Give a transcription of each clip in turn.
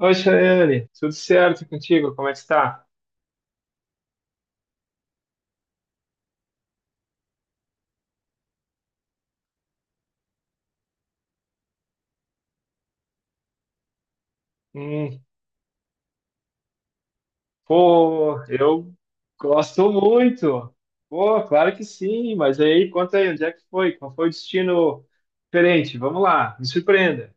Oi, Chayane, tudo certo contigo? Como é que está? Hum, Pô, eu gosto muito. Pô, claro que sim, mas aí conta aí, onde é que foi? Qual foi o destino diferente? Vamos lá, me surpreenda.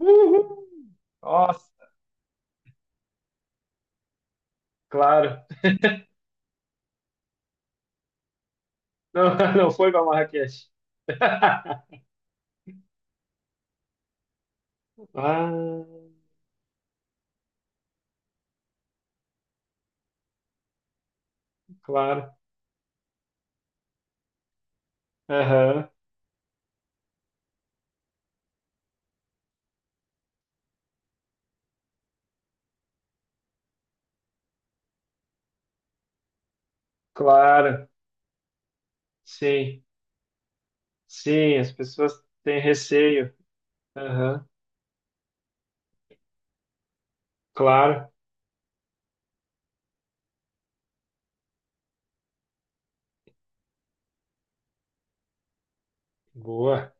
Uhul! Nossa, claro. Não, não foi para Marrakech. Ah, claro. Aham, claro. Sim, sim, as pessoas têm receio. Aham, claro. Boa.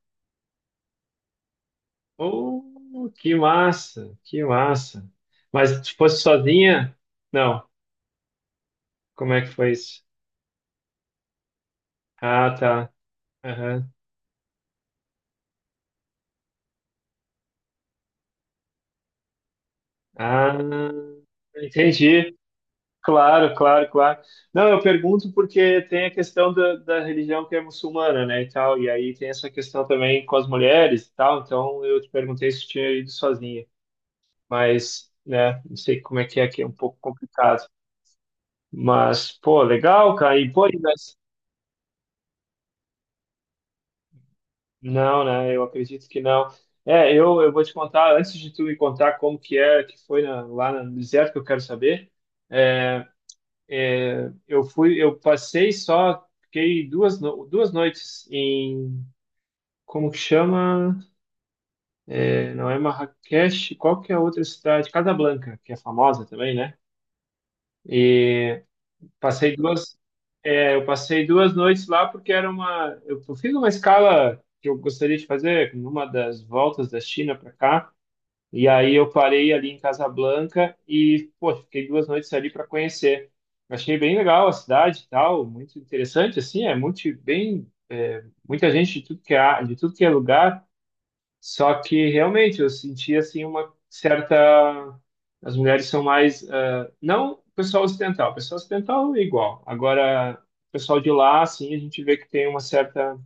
Oh, que massa, que massa. Mas se fosse sozinha? Não. Como é que foi isso? Ah, tá. Aham. Ah, entendi. Claro, claro, claro. Não, eu pergunto porque tem a questão da religião que é muçulmana, né, e tal. E aí tem essa questão também com as mulheres e tal. Então eu te perguntei se tinha ido sozinha. Mas, né, não sei como é que é, que é um pouco complicado. Mas, pô, legal, cara. E, pô, e vai... Não, né? Eu acredito que não. É, eu vou te contar, antes de tu me contar como que é, que foi lá no deserto que eu quero saber, é, é, eu fui, eu passei só, fiquei duas, duas noites em, como que chama? É, não é Marrakech, qual que é a outra cidade? Casablanca, que é famosa também, né? E passei duas, eu passei duas noites lá porque eu fiz uma escala que eu gostaria de fazer numa das voltas da China para cá. E aí eu parei ali em Casablanca e, pô, fiquei duas noites ali para conhecer. Achei bem legal a cidade e tal, muito interessante, assim, muita gente de tudo que é, lugar, só que realmente eu senti, assim, uma certa... As mulheres são mais, não, o pessoal ocidental, o pessoal ocidental é igual, agora... o pessoal de lá, assim, a gente vê que tem uma certa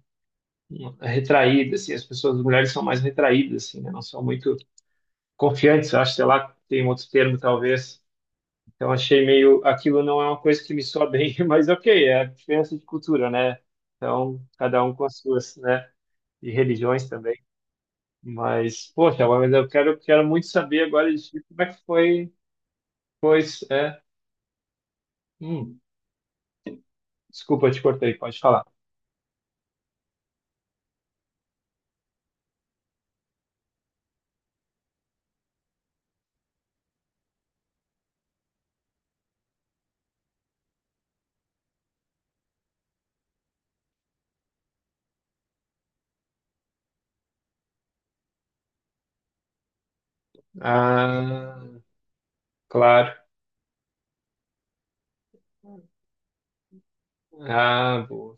retraída, assim, as mulheres são mais retraídas, assim, né? Não são muito confiantes, acho, sei lá, tem um outro termo talvez. Então achei meio, aquilo não é uma coisa que me soa bem, mas ok, é a diferença de cultura, né? Então, cada um com as suas, né? E religiões também. Mas, poxa, mas eu quero muito saber agora de ti como é que foi, pois, é. Hum, Desculpa, eu te cortei, pode falar. Ah, claro. Ah, boa.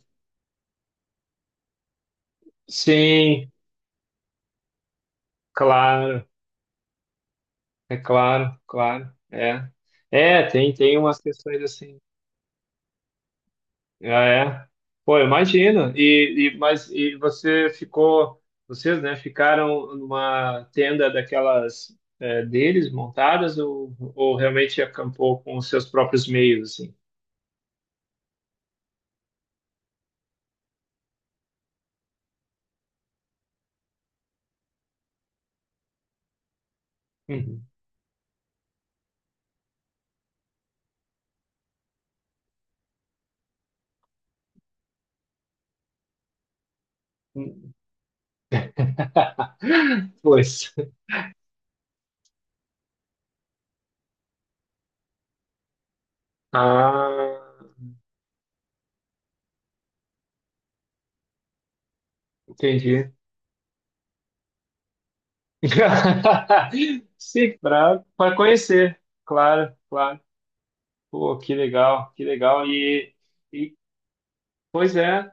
Sim, claro, é claro, claro, é. É, tem umas questões assim. Ah, é? Pô, eu imagino. E mas e vocês, né, ficaram numa tenda daquelas deles montadas ou realmente acampou com os seus próprios meios, assim? Uhum. Hum. Pois. Ah, entendi. Sim, para conhecer, claro, claro. Pô, que legal, que legal. E pois é.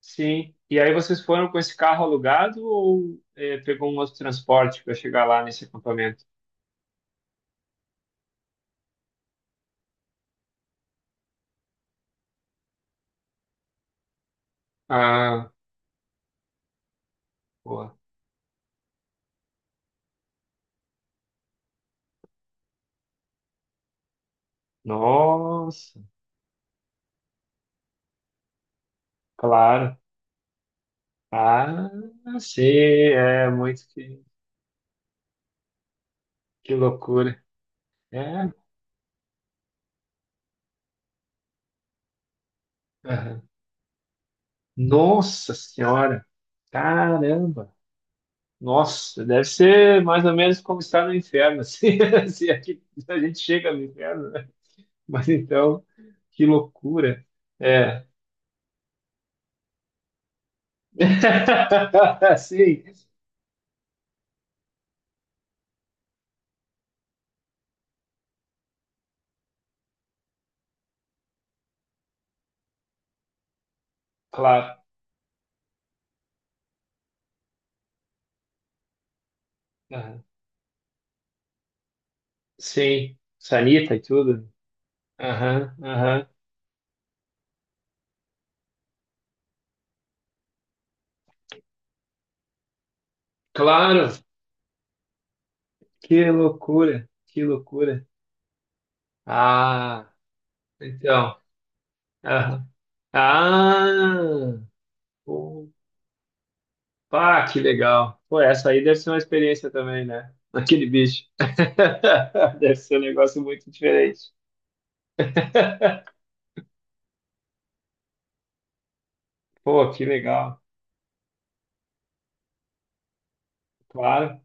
Sim. E aí vocês foram com esse carro alugado ou pegou um outro transporte para chegar lá nesse acampamento? Ah, boa. Nossa, claro. Ah, sim, que loucura. É. Aham. Nossa Senhora, caramba. Nossa, deve ser mais ou menos como estar no inferno, assim, se aqui a gente chega no inferno, né? Mas então, que loucura. É. Sim, claro. Aham. Sim, sanita e tudo. Aham, aham. Claro, que loucura, que loucura. Ah, então. Aham. Ah, opa, que legal. Pô, essa aí deve ser uma experiência também, né? Aquele bicho. Deve ser um negócio muito diferente. Pô, que legal. Claro.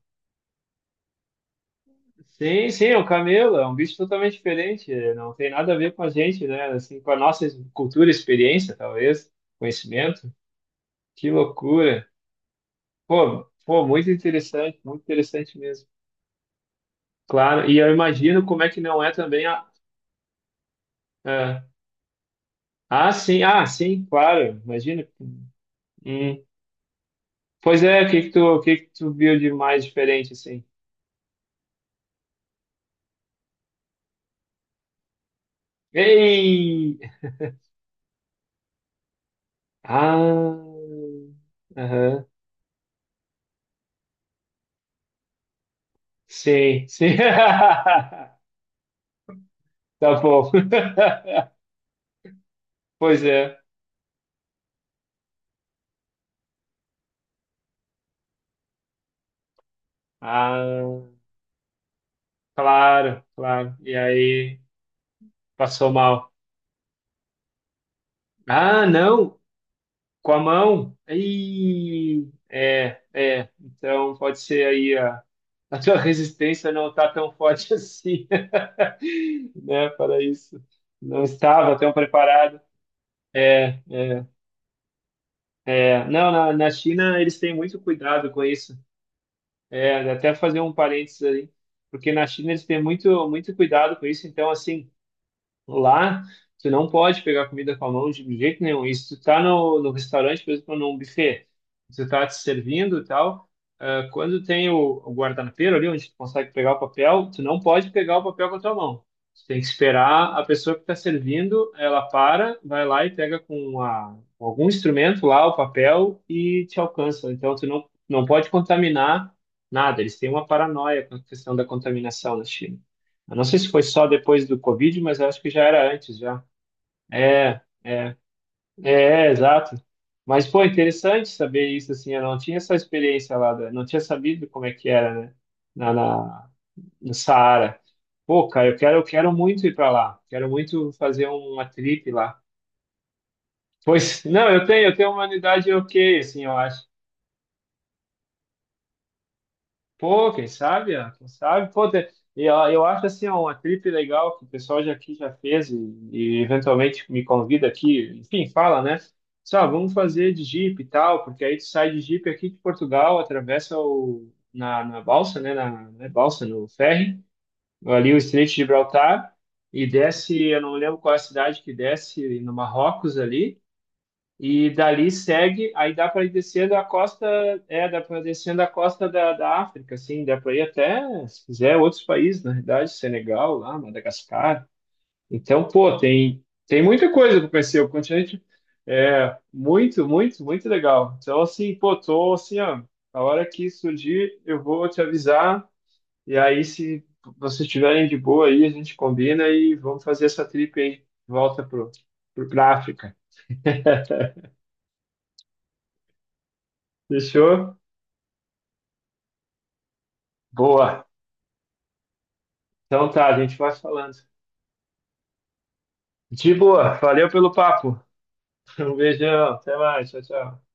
Sim, sim, o camelo é um bicho totalmente diferente, não tem nada a ver com a gente, né? Assim, com a nossa cultura, experiência, talvez, conhecimento. Que loucura. Pô, pô, muito interessante mesmo. Claro, e eu imagino como é que não é também a- Ah, sim, ah, sim, claro, imagina. Hum. Pois é, o que que tu viu de mais diferente, assim? Ei! Ah, aham, sim, sim. Tá bom. Pois é. Ah, claro, claro. E aí passou mal. Ah, não, com a mão. Ih, é, é. Então pode ser aí a tua resistência não está tão forte assim, né, para isso. Não estava tão preparado. É, é. Não, na China eles têm muito cuidado com isso. É, até fazer um parênteses aí, porque na China eles têm muito, muito cuidado com isso. Então, assim, lá, tu não pode pegar comida com a mão de jeito nenhum. E se tu tá no restaurante, por exemplo, num buffet, tu tá te servindo e tal, quando tem o guardanapeiro ali, onde tu consegue pegar o papel, tu não pode pegar o papel com a tua mão. Tu tem que esperar a pessoa que está servindo, ela para, vai lá e pega com algum instrumento lá o papel e te alcança. Então, tu não pode contaminar nada. Eles têm uma paranoia com a questão da contaminação na China. Eu não sei se foi só depois do COVID, mas eu acho que já era antes já. É, é, é, é, exato. Mas, pô, interessante saber isso, assim, eu não tinha essa experiência lá, não tinha sabido como é que era, né, na, na, no Saara. Pô, cara, eu quero muito ir pra lá, quero muito fazer uma trip lá. Pois, não, eu tenho uma unidade ok, assim, eu acho. Pô, quem sabe, Ana, quem sabe, pô, e, ó, eu acho assim, ó, uma trip legal que o pessoal já aqui já fez e eventualmente me convida aqui, enfim, fala, né? Só, vamos fazer de Jeep e tal, porque aí tu sai de Jeep aqui de Portugal, atravessa na balsa, né, na balsa, no ferry, ali o Estreito de Gibraltar, e desce, eu não lembro qual é a cidade que desce, no Marrocos ali, e dali segue, aí dá para ir descendo a costa, dá para descendo a costa da África, assim, dá para ir até, se quiser, outros países, na verdade, Senegal, lá, Madagascar. Então, pô, tem muita coisa para conhecer, o continente é muito, muito, muito legal. Então, assim, pô, tô assim, ó, a hora que surgir, eu vou te avisar, e aí, se vocês estiverem de boa aí, a gente combina e vamos fazer essa trip aí, de volta pra África. Fechou? Boa. Então tá, a gente vai falando. De boa. Valeu pelo papo. Um beijão. Até mais. Tchau, tchau.